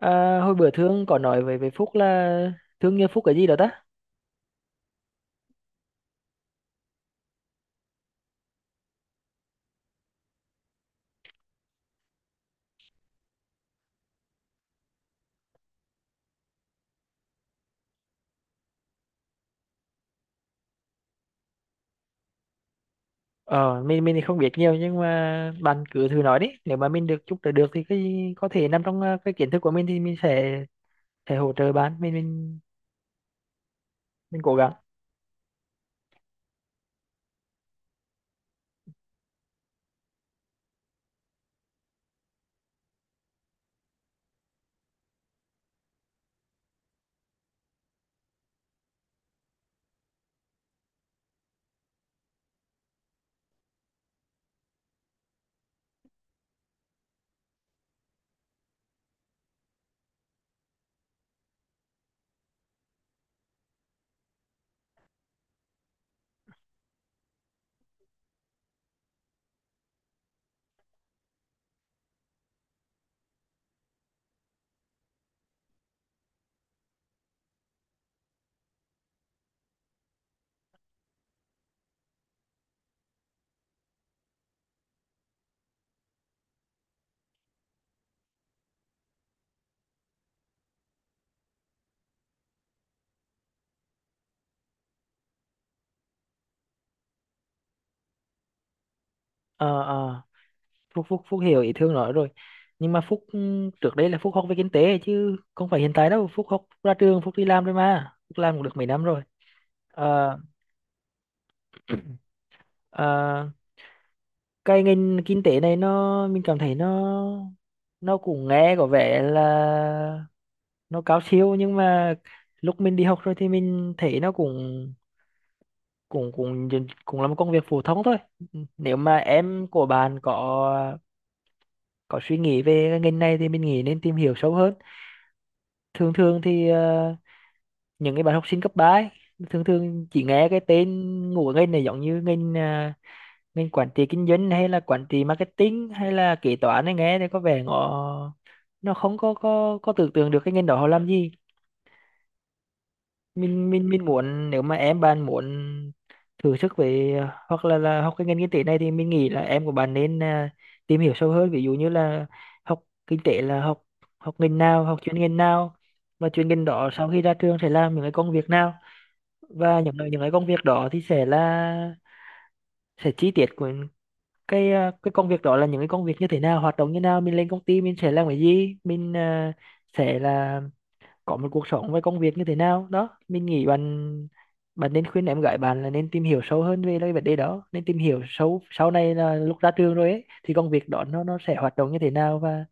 À, hồi bữa Thương có nói với Phúc là Thương như Phúc cái gì đó ta? Mình thì không biết nhiều nhưng mà bạn cứ thử nói đi. Nếu mà mình được giúp đỡ được thì cái có thể nằm trong cái kiến thức của mình thì mình sẽ hỗ trợ bạn. Mình cố gắng. Ờ ờ, Phúc Phúc Phúc hiểu ý Thương nói rồi. Nhưng mà Phúc trước đây là Phúc học về kinh tế chứ không phải hiện tại đâu. Phúc học ra trường Phúc đi làm rồi mà. Phúc làm cũng được mấy năm rồi. Ờ ờ, cái ngành kinh tế này mình cảm thấy nó cũng nghe có vẻ là nó cao siêu, nhưng mà lúc mình đi học rồi thì mình thấy nó cũng cũng cũng cũng là một công việc phổ thông thôi. Nếu mà em của bạn có suy nghĩ về cái ngành này thì mình nghĩ nên tìm hiểu sâu hơn. Thường thường thì những cái bạn học sinh cấp ba ấy, thường thường chỉ nghe cái tên ngủ ngành này, giống như ngành mình quản trị kinh doanh hay là quản trị marketing hay là kế toán ấy, nghe thì có vẻ nó không có có tưởng tượng được cái ngành đó họ làm gì. Mình muốn nếu mà em bạn muốn thử sức về hoặc là học cái ngành kinh tế này thì mình nghĩ là em của bạn nên tìm hiểu sâu hơn, ví dụ như là học kinh tế là học học ngành nào, học chuyên ngành nào, và chuyên ngành đó sau khi ra trường sẽ làm những cái công việc nào, và những cái công việc đó thì sẽ là sẽ chi tiết của cái cái công việc đó là những cái công việc như thế nào, hoạt động như nào, mình lên công ty mình sẽ làm cái gì, mình sẽ là có một cuộc sống với công việc như thế nào đó. Mình nghĩ bạn bạn nên khuyên em gái bạn là nên tìm hiểu sâu hơn về cái vấn đề đó, nên tìm hiểu sâu sau này là lúc ra trường rồi ấy, thì công việc đó nó sẽ hoạt động như thế nào. Và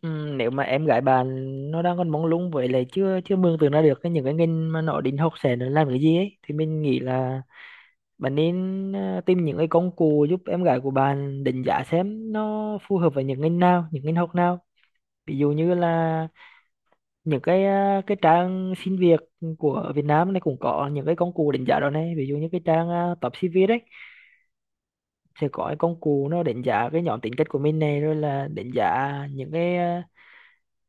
Nếu mà em gái bạn nó đang còn mông lung, với lại chưa chưa mường tượng ra được cái những cái ngành mà nó định học sẽ là làm cái gì ấy, thì mình nghĩ là bạn nên tìm những cái công cụ giúp em gái của bạn đánh giá xem nó phù hợp với những ngành nào, những ngành học nào. Ví dụ như là những cái cái trang xin việc của Việt Nam này cũng có những cái công cụ đánh giá đó này. Ví dụ như cái trang Top CV đấy sẽ có cái công cụ nó đánh giá cái nhóm tính cách của mình này, rồi là đánh giá những cái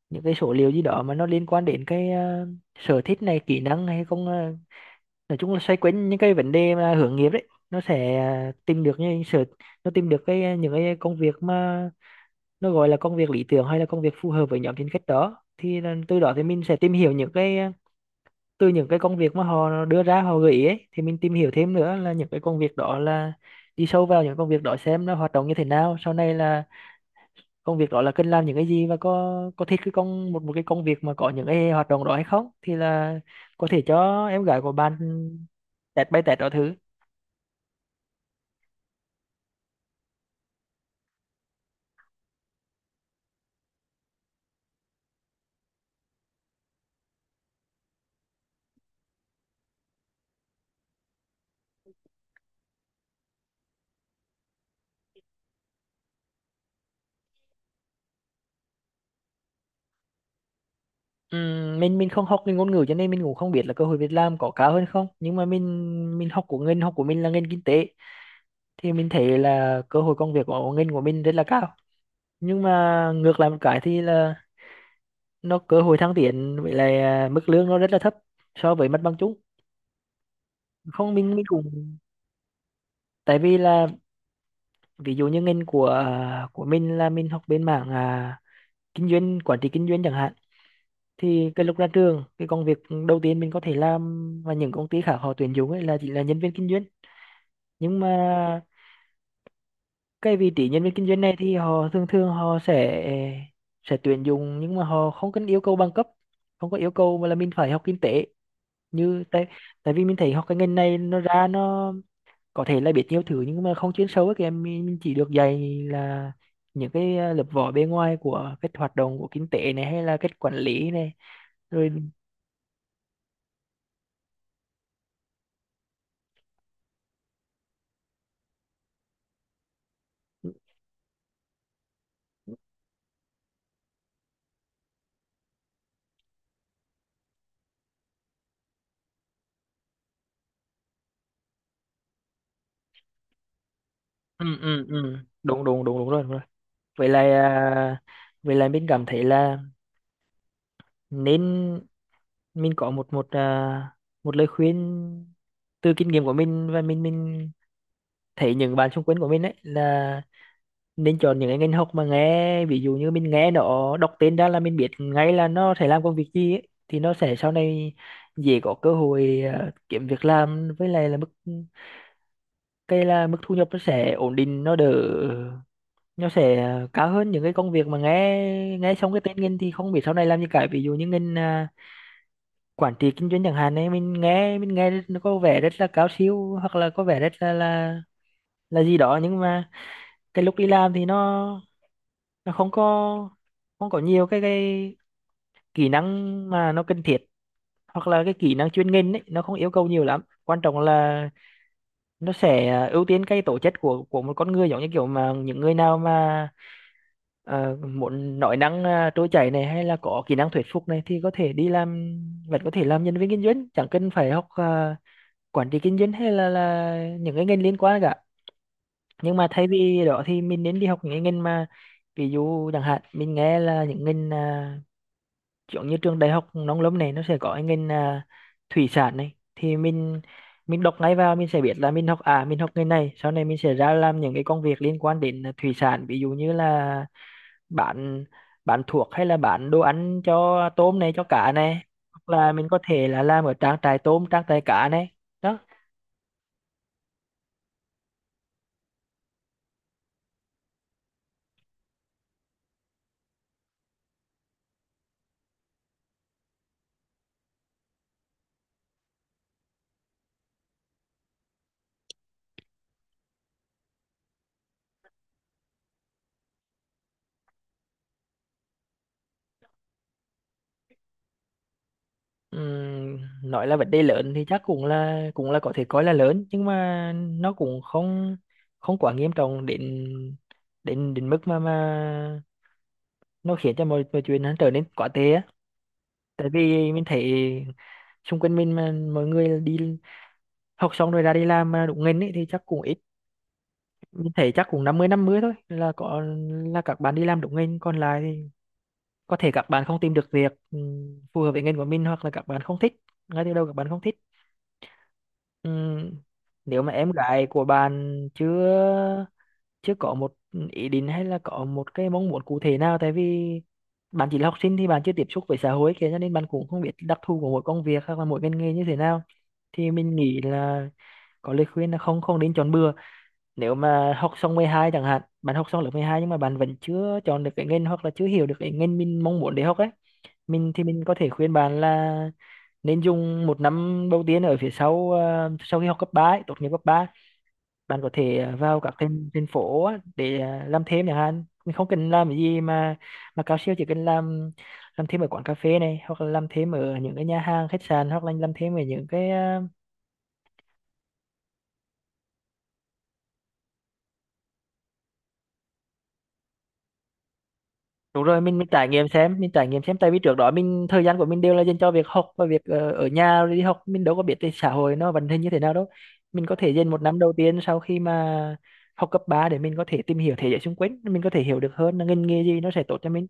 những cái số liệu gì đó mà nó liên quan đến cái sở thích này, kỹ năng, hay không nói chung là xoay quanh những cái vấn đề mà hướng nghiệp đấy, nó sẽ tìm được những sở, nó tìm được cái những cái công việc mà nó gọi là công việc lý tưởng hay là công việc phù hợp với nhóm tính cách đó. Thì là từ đó thì mình sẽ tìm hiểu những cái từ những cái công việc mà họ đưa ra, họ gợi ý ấy, thì mình tìm hiểu thêm nữa là những cái công việc đó là đi sâu vào những công việc đó, xem nó hoạt động như thế nào, sau này là công việc đó là cần làm những cái gì và có thích cái công một một cái công việc mà có những cái hoạt động đó hay không. Thì là có thể cho em gái của bạn test bay test đó thử. Mình không học cái ngôn ngữ, cho nên mình cũng không biết là cơ hội việc làm có cao hơn không, nhưng mà mình học của ngành học của mình là ngành kinh tế thì mình thấy là cơ hội công việc của ngành của mình rất là cao, nhưng mà ngược lại một cái thì là nó cơ hội thăng tiến với lại mức lương nó rất là thấp so với mặt bằng chung. Không, mình cũng tại vì là, ví dụ như ngành của của mình là mình học bên mảng kinh doanh, quản trị kinh doanh chẳng hạn, thì cái lúc ra trường cái công việc đầu tiên mình có thể làm mà những công ty khác họ tuyển dụng ấy là chỉ là nhân viên kinh doanh, nhưng mà cái vị trí nhân viên kinh doanh này thì họ thường thường họ sẽ tuyển dụng nhưng mà họ không cần yêu cầu bằng cấp, không có yêu cầu mà là mình phải học kinh tế. Như tại, tại vì mình thấy học cái ngành này nó ra nó có thể là biết nhiều thứ nhưng mà không chuyên sâu ấy kìa. Mình chỉ được dạy là những cái lớp vỏ bề ngoài của cách hoạt động của kinh tế này hay là cách quản lý này, rồi ừ ừ ừ đúng đúng đúng đúng rồi, đúng rồi. Vậy là vậy là mình cảm thấy là nên, mình có một một một lời khuyên từ kinh nghiệm của mình, và mình thấy những bạn xung quanh của mình ấy, là nên chọn những cái ngành học mà nghe, ví dụ như mình nghe nó đọc tên ra là mình biết ngay là nó sẽ làm công việc gì ấy, thì nó sẽ sau này dễ có cơ hội kiếm việc làm, với lại là mức, cái là mức thu nhập nó sẽ ổn định, nó đỡ, nó sẽ cao hơn những cái công việc mà nghe nghe xong cái tên ngành thì không biết sau này làm gì cả. Ví dụ như ngành quản trị kinh doanh chẳng hạn ấy, mình nghe nó có vẻ rất là cao siêu hoặc là có vẻ rất là là gì đó, nhưng mà cái lúc đi làm thì nó không có, không có nhiều cái kỹ năng mà nó cần thiết, hoặc là cái kỹ năng chuyên ngành ấy nó không yêu cầu nhiều lắm. Quan trọng là nó sẽ ưu tiên cái tố chất của một con người, giống như kiểu mà những người nào mà muốn nói năng trôi chảy này hay là có kỹ năng thuyết phục này, thì có thể đi làm, vẫn có thể làm nhân viên kinh doanh chẳng cần phải học quản trị kinh doanh hay là những cái ngành liên quan cả. Nhưng mà thay vì đó thì mình nên đi học những cái ngành mà ví dụ chẳng hạn mình nghe là những ngành giống như trường đại học nông lâm này, nó sẽ có cái ngành thủy sản này, thì mình đọc ngay vào mình sẽ biết là mình học, à mình học ngành này sau này mình sẽ ra làm những cái công việc liên quan đến thủy sản, ví dụ như là bán bán thuốc hay là bán đồ ăn cho tôm này, cho cá này, hoặc là mình có thể là làm ở trang trại tôm, trang trại cá này đó. Ừm, nói là vấn đề lớn thì chắc cũng là có thể coi là lớn, nhưng mà nó cũng không, không quá nghiêm trọng đến đến đến mức mà nó khiến cho mọi mọi chuyện nó trở nên quá tệ á. Tại vì mình thấy xung quanh mình mà mọi người đi học xong rồi ra đi làm mà đúng ngành ấy thì chắc cũng ít. Mình thấy chắc cũng năm mươi năm 50 thôi là có là các bạn đi làm đúng ngành, còn lại thì có thể các bạn không tìm được việc phù hợp với ngành của mình, hoặc là các bạn không thích, ngay từ đầu các bạn không thích. Ừm, nếu mà em gái của bạn chưa chưa có một ý định hay là có một cái mong muốn cụ thể nào, tại vì bạn chỉ là học sinh thì bạn chưa tiếp xúc với xã hội kia, cho nên bạn cũng không biết đặc thù của mỗi công việc hoặc là mỗi ngành nghề như thế nào, thì mình nghĩ là có lời khuyên là không không nên chọn bừa. Nếu mà học xong 12 chẳng hạn, bạn học xong lớp 12 nhưng mà bạn vẫn chưa chọn được cái ngành hoặc là chưa hiểu được cái ngành mình mong muốn để học ấy, mình có thể khuyên bạn là nên dùng một năm đầu tiên ở phía sau sau khi học cấp 3, ấy, tốt nghiệp cấp 3, bạn có thể vào các thành thành phố á, để làm thêm chẳng hạn. Mình không cần làm cái gì mà cao siêu, chỉ cần làm thêm ở quán cà phê này, hoặc là làm thêm ở những cái nhà hàng, khách sạn, hoặc là làm thêm ở những cái đúng rồi. Mình trải nghiệm xem, mình trải nghiệm xem, tại vì trước đó mình, thời gian của mình đều là dành cho việc học và việc ở nhà rồi đi học, mình đâu có biết cái xã hội nó vận hành như thế nào đâu. Mình có thể dành một năm đầu tiên sau khi mà học cấp 3 để mình có thể tìm hiểu thế giới xung quanh, mình có thể hiểu được hơn là ngành nghề gì nó sẽ tốt cho mình.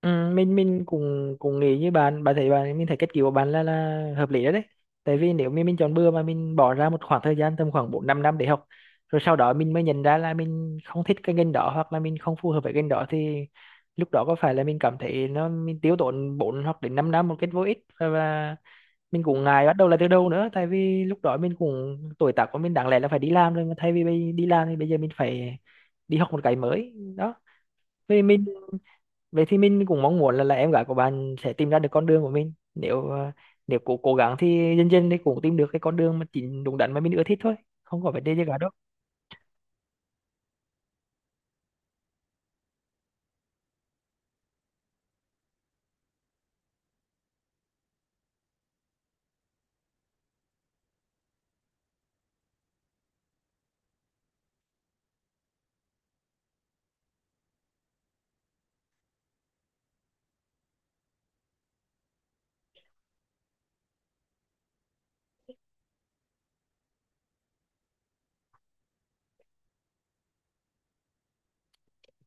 Ừ, mình cũng cũng nghĩ như bạn. Bạn thấy bạn Mình thấy cách cứu của bạn là hợp lý đó đấy, tại vì nếu mình chọn bừa mà mình bỏ ra một khoảng thời gian tầm khoảng bốn năm, năm để học, rồi sau đó mình mới nhận ra là mình không thích cái ngành đó hoặc là mình không phù hợp với ngành đó, thì lúc đó có phải là mình cảm thấy nó, mình tiêu tốn 4 hoặc đến 5 năm một cách vô ích, và mình cũng ngại bắt đầu lại từ đầu nữa, tại vì lúc đó mình cũng, tuổi tác của mình đáng lẽ là phải đi làm rồi, mà thay vì đi làm thì bây giờ mình phải đi học một cái mới đó. Vì mình Vậy thì mình cũng mong muốn là em gái của bạn sẽ tìm ra được con đường của mình. Nếu nếu cố cố gắng thì dần dần thì cũng tìm được cái con đường mà chính, đúng đắn mà mình ưa thích thôi, không có vấn đề gì cả đâu.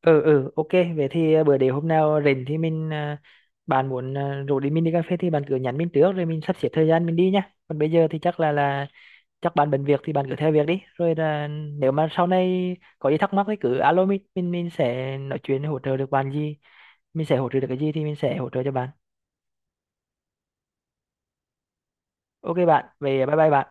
Ừ OK. Vậy thì bữa để hôm nào rảnh thì mình, bạn muốn rủ đi, mình đi cà phê thì bạn cứ nhắn mình trước rồi mình sắp xếp thời gian mình đi nhá. Còn bây giờ thì chắc là chắc bạn bận việc thì bạn cứ theo việc đi, rồi là nếu mà sau này có gì thắc mắc thì cứ alo mình, mình sẽ nói chuyện hỗ trợ được bạn gì, mình sẽ hỗ trợ được cái gì thì mình sẽ hỗ trợ cho bạn. OK bạn, về, bye bye bạn.